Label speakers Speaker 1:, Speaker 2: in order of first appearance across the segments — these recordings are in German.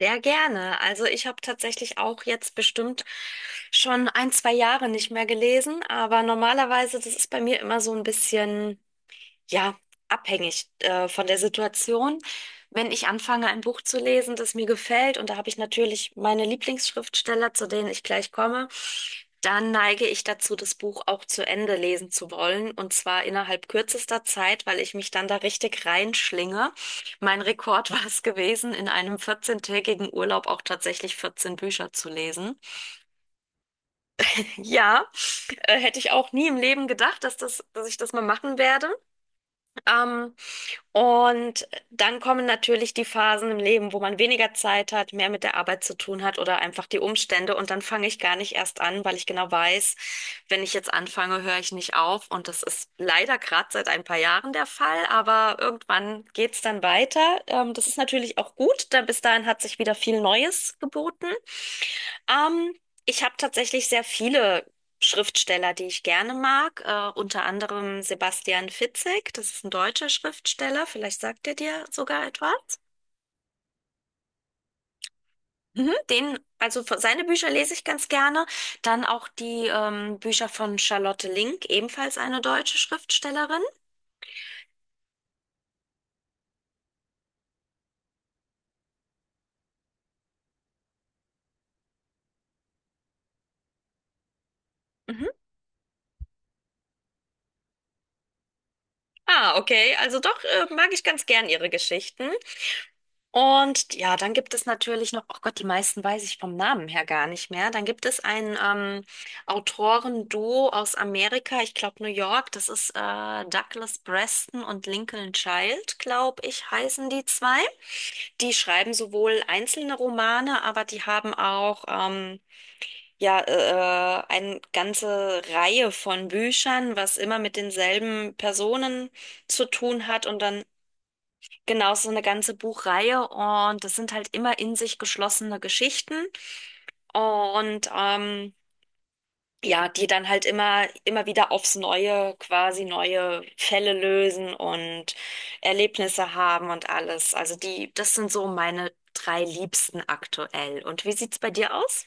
Speaker 1: Sehr gerne. Also ich habe tatsächlich auch jetzt bestimmt schon ein, zwei Jahre nicht mehr gelesen, aber normalerweise, das ist bei mir immer so ein bisschen. Ja, abhängig von der Situation. Wenn ich anfange, ein Buch zu lesen, das mir gefällt, und da habe ich natürlich meine Lieblingsschriftsteller, zu denen ich gleich komme, dann neige ich dazu, das Buch auch zu Ende lesen zu wollen, und zwar innerhalb kürzester Zeit, weil ich mich dann da richtig reinschlinge. Mein Rekord war es gewesen, in einem 14-tägigen Urlaub auch tatsächlich 14 Bücher zu lesen. Ja, hätte ich auch nie im Leben gedacht, dass ich das mal machen werde. Ähm, und dann kommen natürlich die Phasen im Leben, wo man weniger Zeit hat, mehr mit der Arbeit zu tun hat oder einfach die Umstände. Und dann fange ich gar nicht erst an, weil ich genau weiß, wenn ich jetzt anfange, höre ich nicht auf. Und das ist leider gerade seit ein paar Jahren der Fall, aber irgendwann geht's dann weiter. Das ist natürlich auch gut, denn bis dahin hat sich wieder viel Neues geboten. Ähm, Ich habe tatsächlich sehr viele Schriftsteller, die ich gerne mag. Unter anderem Sebastian Fitzek, das ist ein deutscher Schriftsteller, vielleicht sagt er dir sogar etwas. Mhm. Den, also seine Bücher lese ich ganz gerne. Dann auch die Bücher von Charlotte Link, ebenfalls eine deutsche Schriftstellerin. Mhm. Ah, okay. Also doch, mag ich ganz gern ihre Geschichten. Und ja, dann gibt es natürlich noch, oh Gott, die meisten weiß ich vom Namen her gar nicht mehr. Dann gibt es ein Autorenduo aus Amerika, ich glaube New York, das ist Douglas Preston und Lincoln Child, glaube ich, heißen die zwei. Die schreiben sowohl einzelne Romane, aber die haben auch ja eine ganze Reihe von Büchern, was immer mit denselben Personen zu tun hat, und dann genau, so eine ganze Buchreihe, und das sind halt immer in sich geschlossene Geschichten und ja, die dann halt immer wieder aufs Neue quasi neue Fälle lösen und Erlebnisse haben und alles. Also die, das sind so meine drei Liebsten aktuell. Und wie sieht's bei dir aus?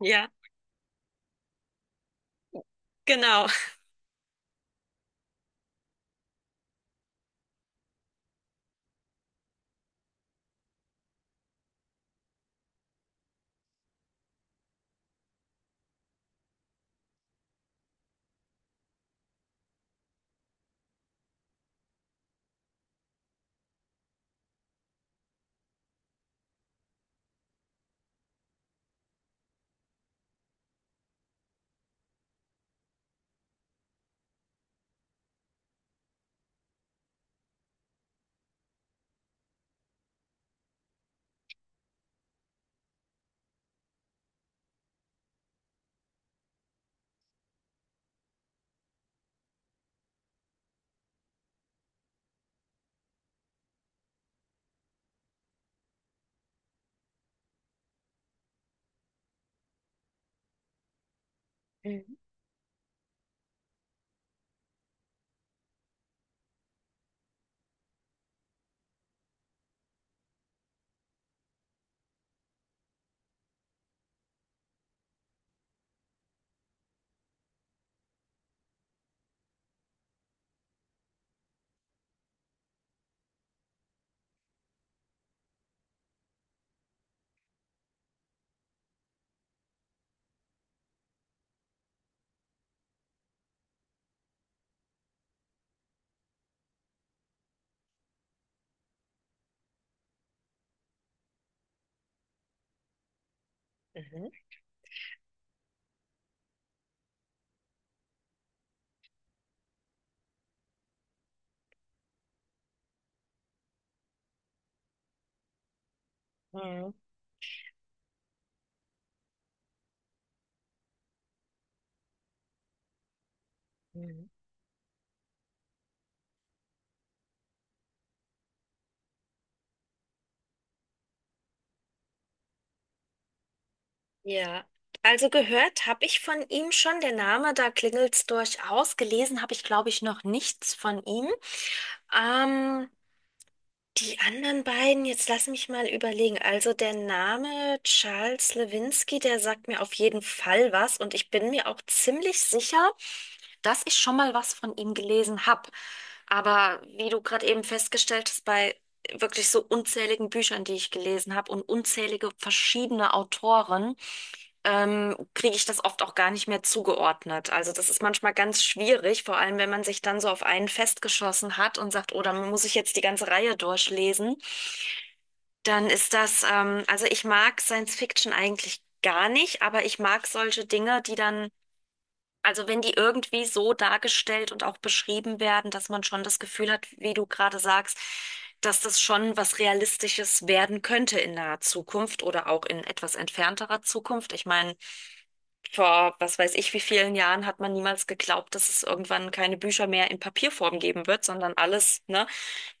Speaker 1: Ja, genau. Mhm. Ja, also gehört habe ich von ihm schon, der Name, da klingelt's durchaus. Gelesen habe ich, glaube ich, noch nichts von ihm. Ähm, Die anderen beiden, jetzt lass mich mal überlegen. Also der Name Charles Lewinsky, der sagt mir auf jeden Fall was, und ich bin mir auch ziemlich sicher, dass ich schon mal was von ihm gelesen habe. Aber wie du gerade eben festgestellt hast, bei wirklich so unzähligen Büchern, die ich gelesen habe, und unzählige verschiedene Autoren, kriege ich das oft auch gar nicht mehr zugeordnet. Also das ist manchmal ganz schwierig, vor allem wenn man sich dann so auf einen festgeschossen hat und sagt, oh, dann muss ich jetzt die ganze Reihe durchlesen. Dann ist das, also ich mag Science Fiction eigentlich gar nicht, aber ich mag solche Dinge, die dann, also wenn die irgendwie so dargestellt und auch beschrieben werden, dass man schon das Gefühl hat, wie du gerade sagst, dass das schon was Realistisches werden könnte in naher Zukunft oder auch in etwas entfernterer Zukunft. Ich meine, vor was weiß ich wie vielen Jahren hat man niemals geglaubt, dass es irgendwann keine Bücher mehr in Papierform geben wird, sondern alles, ne?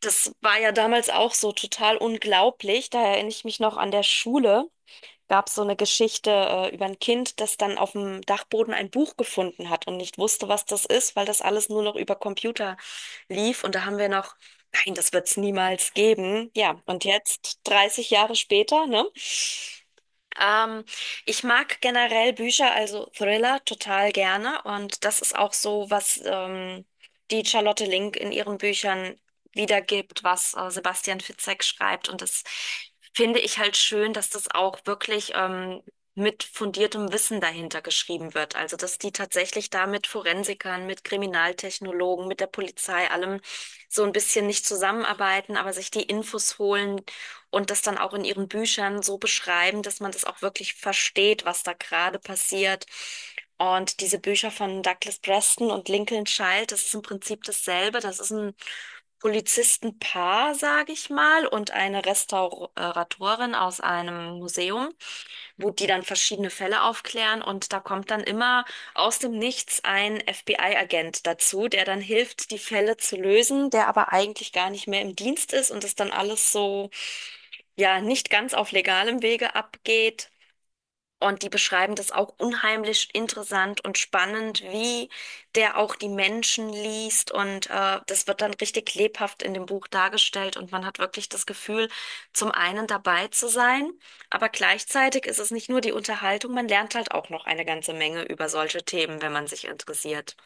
Speaker 1: Das war ja damals auch so total unglaublich. Da erinnere ich mich noch an der Schule. Gab es so eine Geschichte über ein Kind, das dann auf dem Dachboden ein Buch gefunden hat und nicht wusste, was das ist, weil das alles nur noch über Computer lief. Und da haben wir noch, nein, das wird es niemals geben. Ja, und jetzt, 30 Jahre später, ne? Ähm, Ich mag generell Bücher, also Thriller, total gerne. Und das ist auch so, was die Charlotte Link in ihren Büchern wiedergibt, was Sebastian Fitzek schreibt. Und das finde ich halt schön, dass das auch wirklich mit fundiertem Wissen dahinter geschrieben wird. Also, dass die tatsächlich da mit Forensikern, mit Kriminaltechnologen, mit der Polizei, allem so ein bisschen nicht zusammenarbeiten, aber sich die Infos holen, und das dann auch in ihren Büchern so beschreiben, dass man das auch wirklich versteht, was da gerade passiert. Und diese Bücher von Douglas Preston und Lincoln Child, das ist im Prinzip dasselbe. Das ist ein Polizistenpaar, sage ich mal, und eine Restauratorin aus einem Museum, wo die dann verschiedene Fälle aufklären. Und da kommt dann immer aus dem Nichts ein FBI-Agent dazu, der dann hilft, die Fälle zu lösen, der aber eigentlich gar nicht mehr im Dienst ist und das dann alles so ja nicht ganz auf legalem Wege abgeht. Und die beschreiben das auch unheimlich interessant und spannend, wie der auch die Menschen liest. Und das wird dann richtig lebhaft in dem Buch dargestellt. Und man hat wirklich das Gefühl, zum einen dabei zu sein, aber gleichzeitig ist es nicht nur die Unterhaltung, man lernt halt auch noch eine ganze Menge über solche Themen, wenn man sich interessiert.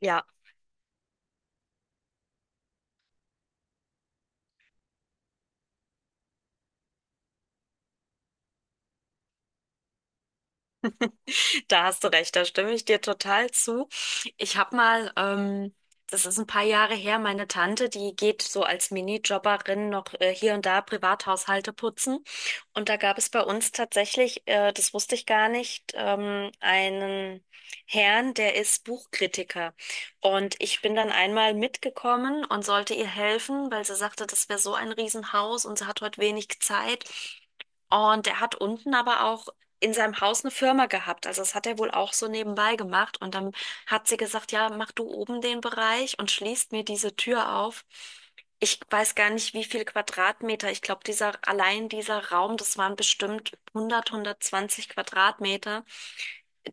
Speaker 1: Ja, da hast du recht, da stimme ich dir total zu. Ich habe mal, das ist ein paar Jahre her, meine Tante, die geht so als Minijobberin noch hier und da Privathaushalte putzen. Und da gab es bei uns tatsächlich, das wusste ich gar nicht, einen Herrn, der ist Buchkritiker. Und ich bin dann einmal mitgekommen und sollte ihr helfen, weil sie sagte, das wäre so ein Riesenhaus und sie hat heute wenig Zeit. Und er hat unten aber auch in seinem Haus eine Firma gehabt. Also das hat er wohl auch so nebenbei gemacht. Und dann hat sie gesagt, ja, mach du oben den Bereich und schließt mir diese Tür auf. Ich weiß gar nicht, wie viel Quadratmeter. Ich glaube, dieser, allein dieser Raum, das waren bestimmt 100, 120 Quadratmeter,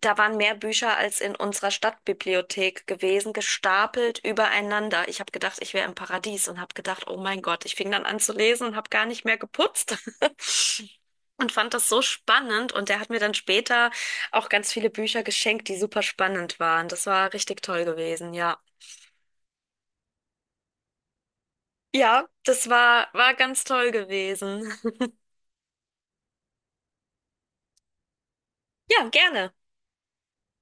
Speaker 1: da waren mehr Bücher als in unserer Stadtbibliothek gewesen, gestapelt übereinander. Ich habe gedacht, ich wäre im Paradies und habe gedacht, oh mein Gott, ich fing dann an zu lesen und habe gar nicht mehr geputzt. Und fand das so spannend, und der hat mir dann später auch ganz viele Bücher geschenkt, die super spannend waren. Das war richtig toll gewesen, ja. Ja, das war, war ganz toll gewesen. Ja, gerne.